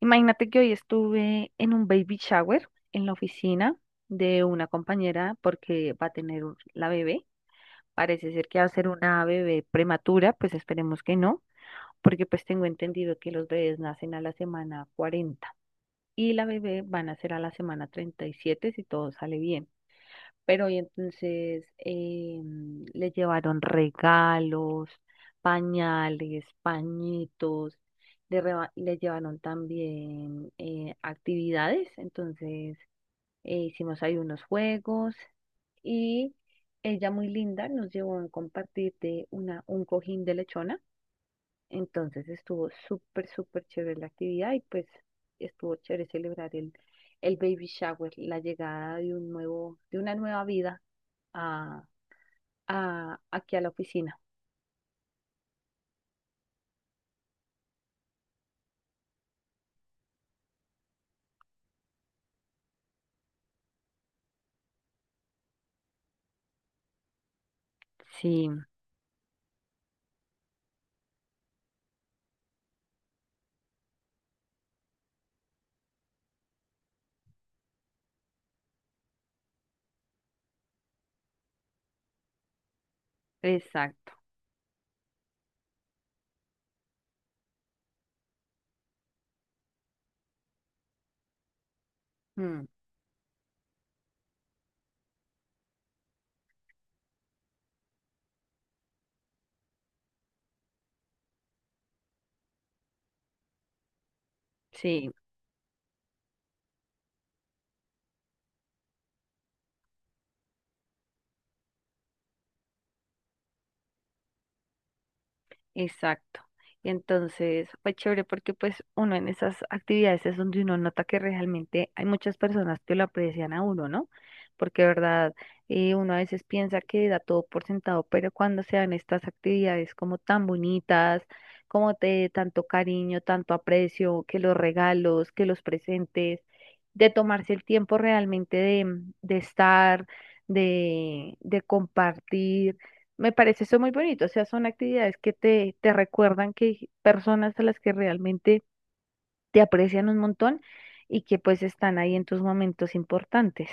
Imagínate que hoy estuve en un baby shower en la oficina de una compañera porque va a tener la bebé. Parece ser que va a ser una bebé prematura, pues esperemos que no, porque pues tengo entendido que los bebés nacen a la semana 40 y la bebé van a ser a la semana 37 si todo sale bien. Pero y entonces le llevaron regalos, pañales, pañitos, le llevaron también actividades. Entonces hicimos ahí unos juegos y ella muy linda nos llevó a compartir de un cojín de lechona. Entonces estuvo súper, súper chévere la actividad y pues estuvo chévere celebrar el baby shower, la llegada de de una nueva vida a, aquí a la oficina. Sí, exacto. Mm, sí. Exacto. Y entonces fue chévere porque pues uno en esas actividades es donde uno nota que realmente hay muchas personas que lo aprecian a uno, ¿no? Porque de verdad, uno a veces piensa que da todo por sentado, pero cuando se dan estas actividades como tan bonitas, como de tanto cariño, tanto aprecio, que los regalos, que los presentes, de tomarse el tiempo realmente de estar, de compartir. Me parece eso muy bonito, o sea, son actividades que te recuerdan que hay personas a las que realmente te aprecian un montón y que pues están ahí en tus momentos importantes.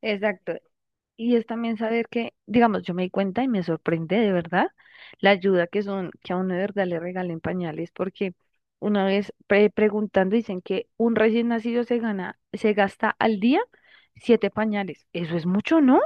Exacto. Y es también saber que, digamos, yo me di cuenta y me sorprende de verdad la ayuda que son, que a uno de verdad le regalen pañales, porque una vez preguntando dicen que un recién nacido se gana, se gasta al día siete pañales. Eso es mucho, ¿no?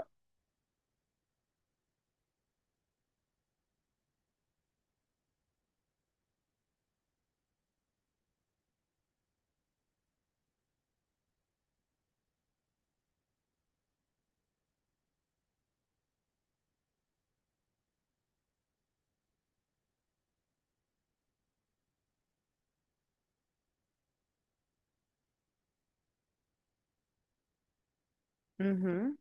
Ujú.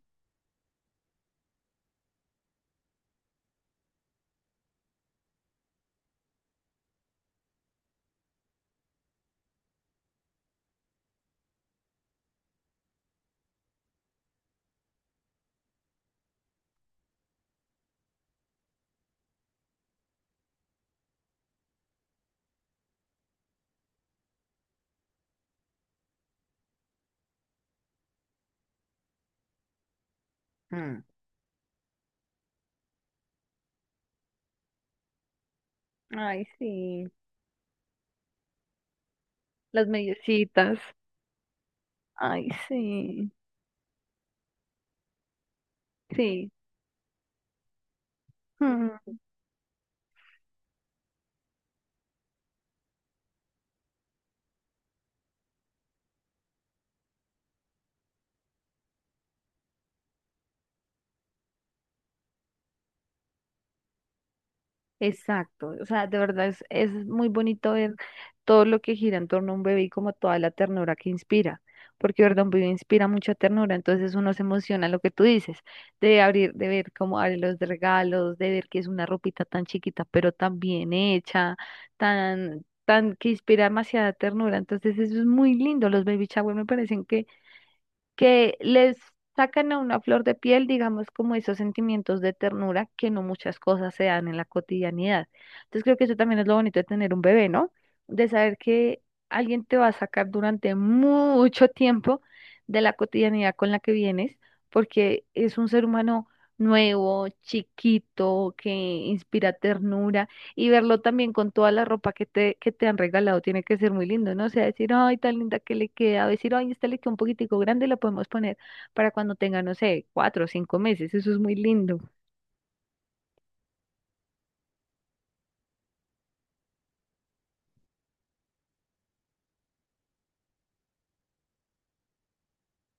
Mm. Ay, sí. Las mediecitas. Ay, sí, sí. Mm. Exacto. O sea, de verdad es muy bonito ver todo lo que gira en torno a un bebé y como toda la ternura que inspira. Porque, de verdad, un bebé inspira mucha ternura. Entonces uno se emociona lo que tú dices, de abrir, de ver cómo abre los de regalos, de ver que es una ropita tan chiquita, pero tan bien hecha, tan, tan, que inspira demasiada ternura. Entonces eso es muy lindo. Los baby shower me parecen que les sacan a una flor de piel, digamos, como esos sentimientos de ternura que no muchas cosas se dan en la cotidianidad. Entonces creo que eso también es lo bonito de tener un bebé, ¿no? De saber que alguien te va a sacar durante mucho tiempo de la cotidianidad con la que vienes, porque es un ser humano nuevo, chiquito, que inspira ternura y verlo también con toda la ropa que te han regalado tiene que ser muy lindo, ¿no? O sea, decir, ay, tan linda que le queda, o decir, ay, esta le queda un poquitico grande, la podemos poner para cuando tenga, no sé, 4 o 5 meses. Eso es muy lindo.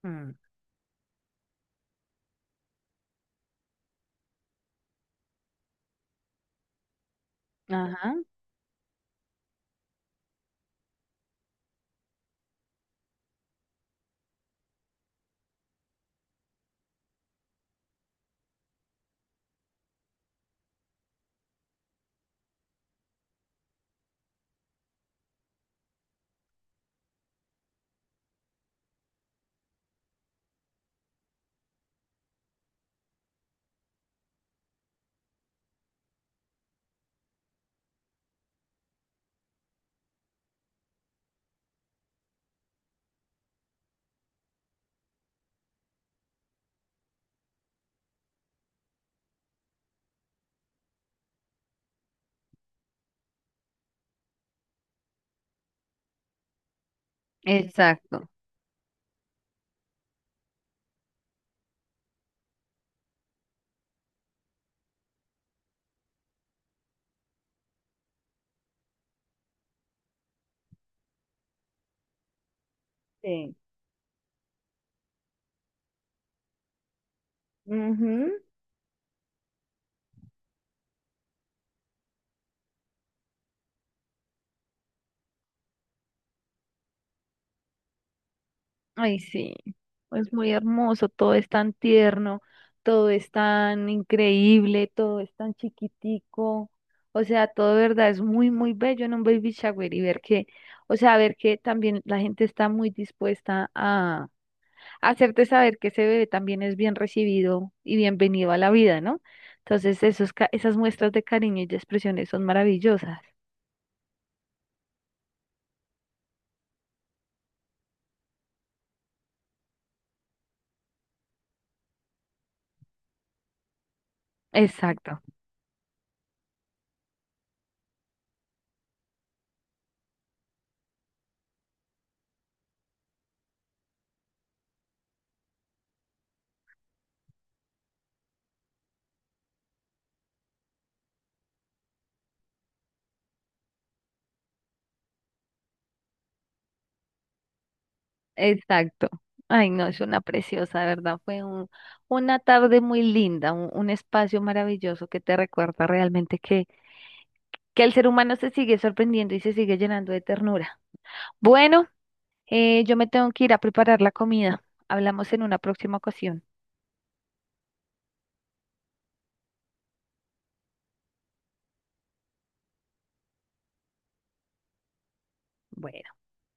Mm. Ajá. Exacto. Sí. Ay, sí, es muy hermoso, todo es tan tierno, todo es tan increíble, todo es tan chiquitico, o sea, todo de verdad es muy, muy bello en un baby shower y ver que, o sea, ver que también la gente está muy dispuesta a hacerte saber que ese bebé también es bien recibido y bienvenido a la vida, ¿no? Entonces, esas muestras de cariño y de expresiones son maravillosas. Exacto. Exacto. Ay, no, es una preciosa, de verdad. Fue una tarde muy linda, un espacio maravilloso que te recuerda realmente que el ser humano se sigue sorprendiendo y se sigue llenando de ternura. Bueno, yo me tengo que ir a preparar la comida. Hablamos en una próxima ocasión. Bueno.